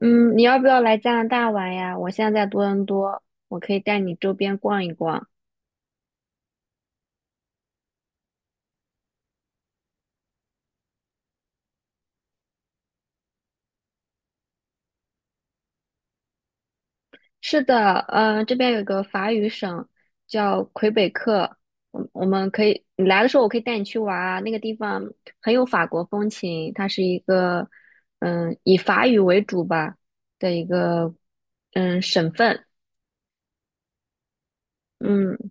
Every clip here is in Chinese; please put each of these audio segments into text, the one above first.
嗯，你要不要来加拿大玩呀？我现在在多伦多，我可以带你周边逛一逛。是的，这边有一个法语省叫魁北克，我们可以，你来的时候我可以带你去玩啊。那个地方很有法国风情，它是一个以法语为主吧的一个省份。嗯，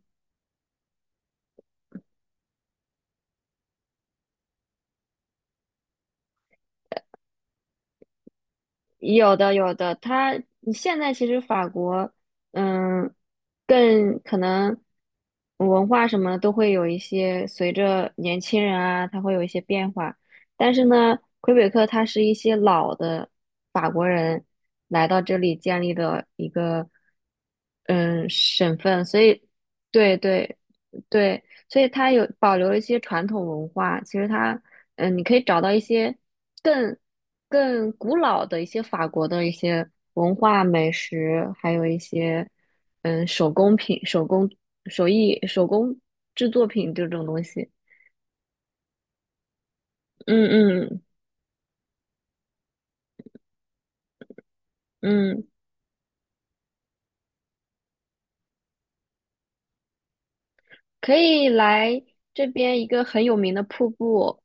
有的有的，它现在其实法国，嗯，更可能文化什么都会有一些随着年轻人啊，他会有一些变化。但是呢，魁北克它是一些老的法国人来到这里建立的一个省份，所以对对，对，所以它有保留了一些传统文化。其实它，你可以找到一些更更古老的一些法国的一些文化、美食，还有一些手工品、手工手艺、手工制作品这种东西。嗯嗯嗯，可以来这边一个很有名的瀑布，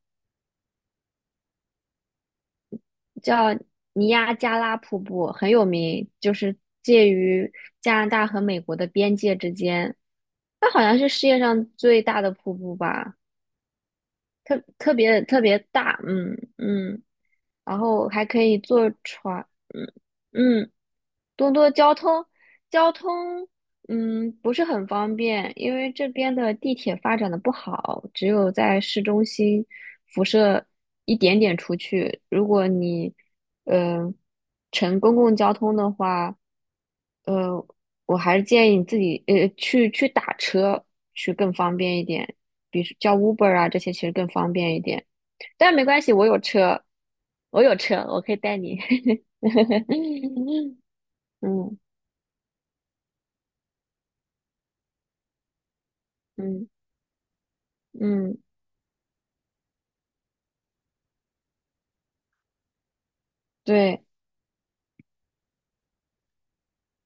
叫尼亚加拉瀑布，很有名，就是介于加拿大和美国的边界之间。它好像是世界上最大的瀑布吧，特别特别大，然后还可以坐船，嗯。多多交通，交通，不是很方便，因为这边的地铁发展的不好，只有在市中心辐射一点点出去。如果你，呃，乘公共交通的话，呃，我还是建议你自己，去打车去更方便一点，比如叫 Uber 啊这些其实更方便一点。但没关系，我有车，我可以带你。嗯嗯。嗯，对，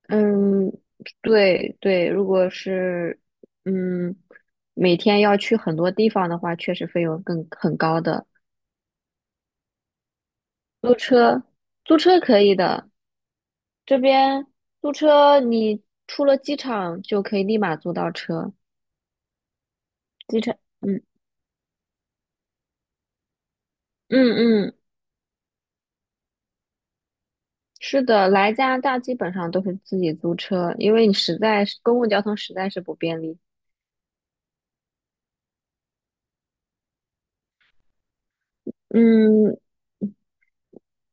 嗯，对对，如果是嗯每天要去很多地方的话，确实费用更很高的。租车，租车可以的，这边租车你出了机场就可以立马租到车。机场，嗯嗯嗯，是的，来加拿大基本上都是自己租车，因为你实在是公共交通实在是不便利。嗯，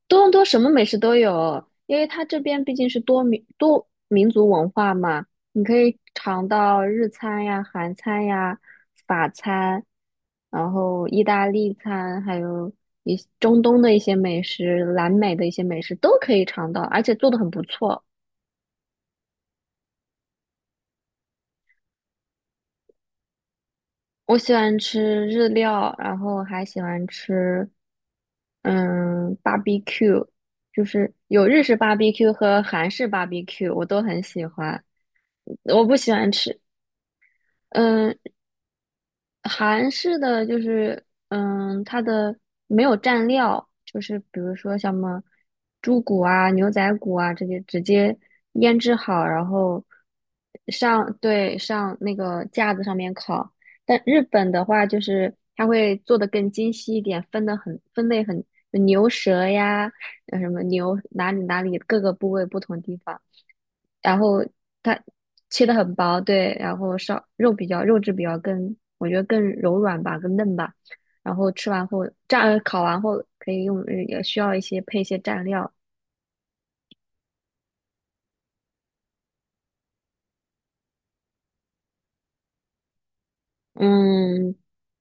多伦多什么美食都有，因为它这边毕竟是多民族文化嘛，你可以尝到日餐呀、韩餐呀、法餐，然后意大利餐，还有一些中东的一些美食、南美的一些美食都可以尝到，而且做的很不错。我喜欢吃日料，然后还喜欢吃barbecue，就是有日式 barbecue 和韩式 barbecue，我都很喜欢。我不喜欢吃，嗯，韩式的就是，它的没有蘸料，就是比如说像什么猪骨啊、牛仔骨啊这些，直接腌制好，然后上，对，上那个架子上面烤。但日本的话，就是它会做的更精细一点，分类很，牛舌呀，什么牛哪里哪里各个部位不同地方。然后它切的很薄，对，然后烧肉比较肉质比较更，我觉得更柔软吧，更嫩吧。然后吃完后蘸烤完后可以用，也需要一些配一些蘸料。嗯，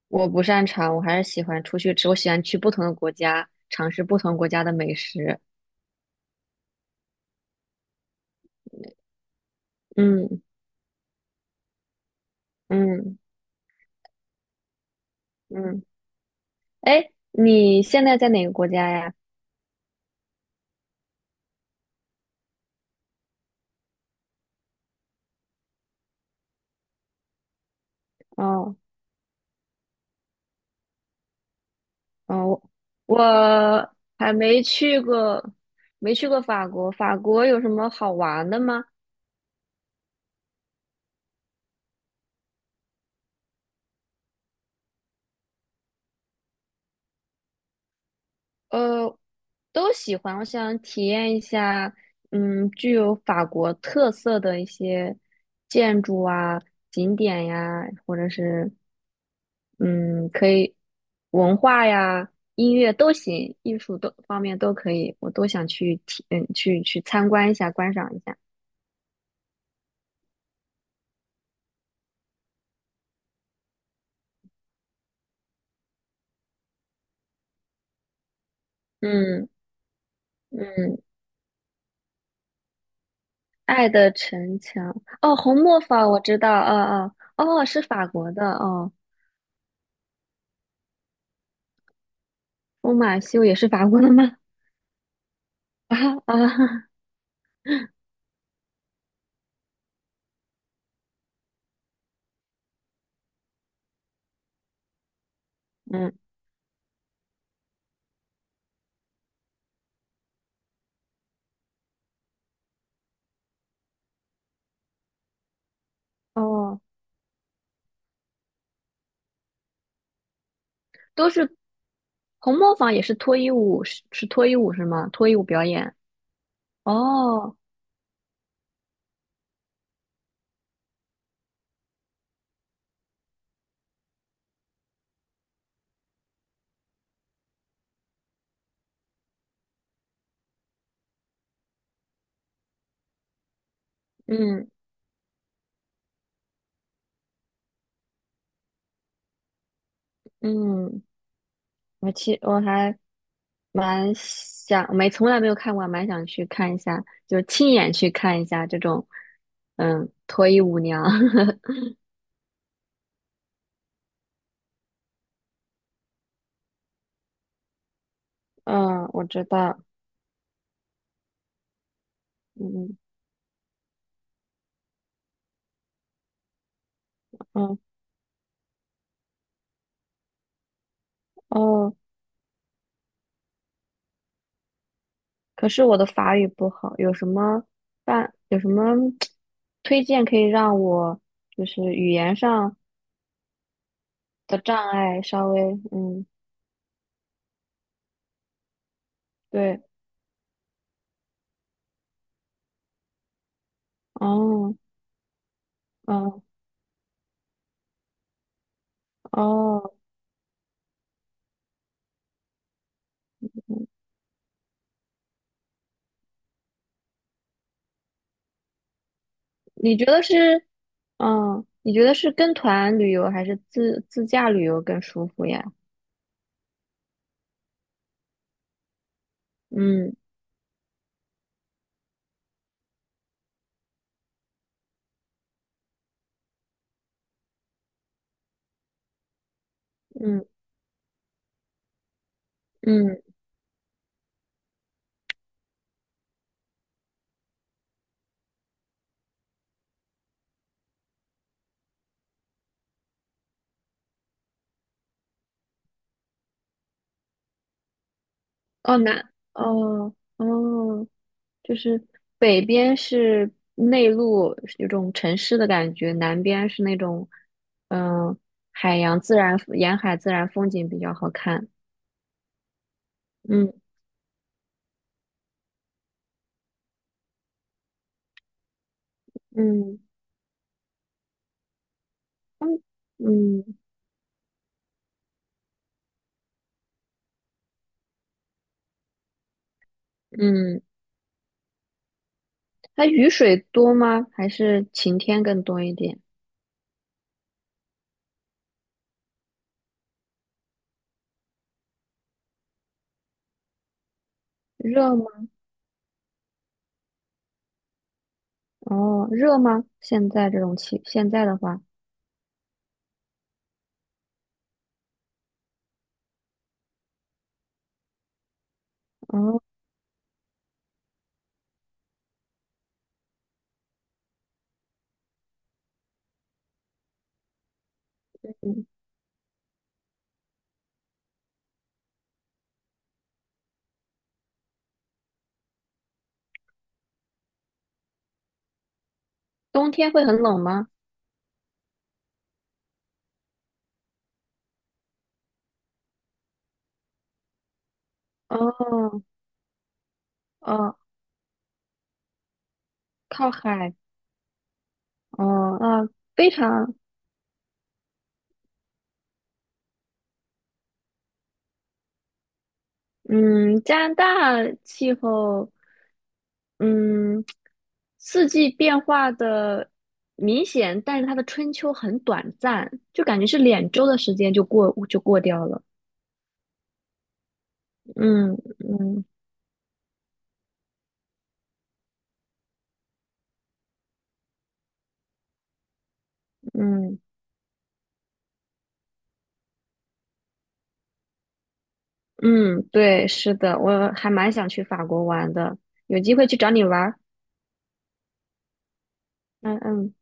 我不擅长，我还是喜欢出去吃，我喜欢去不同的国家尝试不同国家的美食。嗯嗯嗯，哎，你现在在哪个国家呀？哦。哦，我还没去过，没去过法国。法国有什么好玩的吗？呃，都喜欢。我想体验一下，具有法国特色的一些建筑啊、景点呀，或者是嗯，可以文化呀、音乐都行，艺术都方面都可以，我都想去体，去参观一下，观赏一下。嗯嗯。爱的城墙》哦，《红磨坊》我知道，哦哦哦，是法国的哦，《疯马秀》也是法国的吗？啊啊，嗯，哦，都是《红磨坊》也是脱衣舞，是脱衣舞是吗？脱衣舞表演。哦，嗯嗯，我还蛮想，没从来没有看过，蛮想去看一下，就是亲眼去看一下这种，脱衣舞娘。嗯，我知道，嗯嗯哦。可是我的法语不好，有什么办，有什么推荐可以让我就是语言上的障碍稍微嗯，对，哦，嗯，哦，你觉得是，你觉得是跟团旅游还是自驾旅游更舒服呀？嗯嗯嗯，哦，难，哦哦，就是北边是内陆，是有种城市的感觉；南边是那种，嗯、海洋自然、沿海自然风景比较好看。嗯嗯嗯嗯，嗯，它雨水多吗？还是晴天更多一点？热吗？哦，热吗？现在这种气，现在的话，哦，嗯冬天会很冷吗？哦哦，靠海，哦啊，非常。嗯，加拿大气候，嗯，四季变化的明显，但是它的春秋很短暂，就感觉是2周的时间就过掉了。嗯嗯嗯嗯，对，是的，我还蛮想去法国玩的，有机会去找你玩儿。嗯嗯。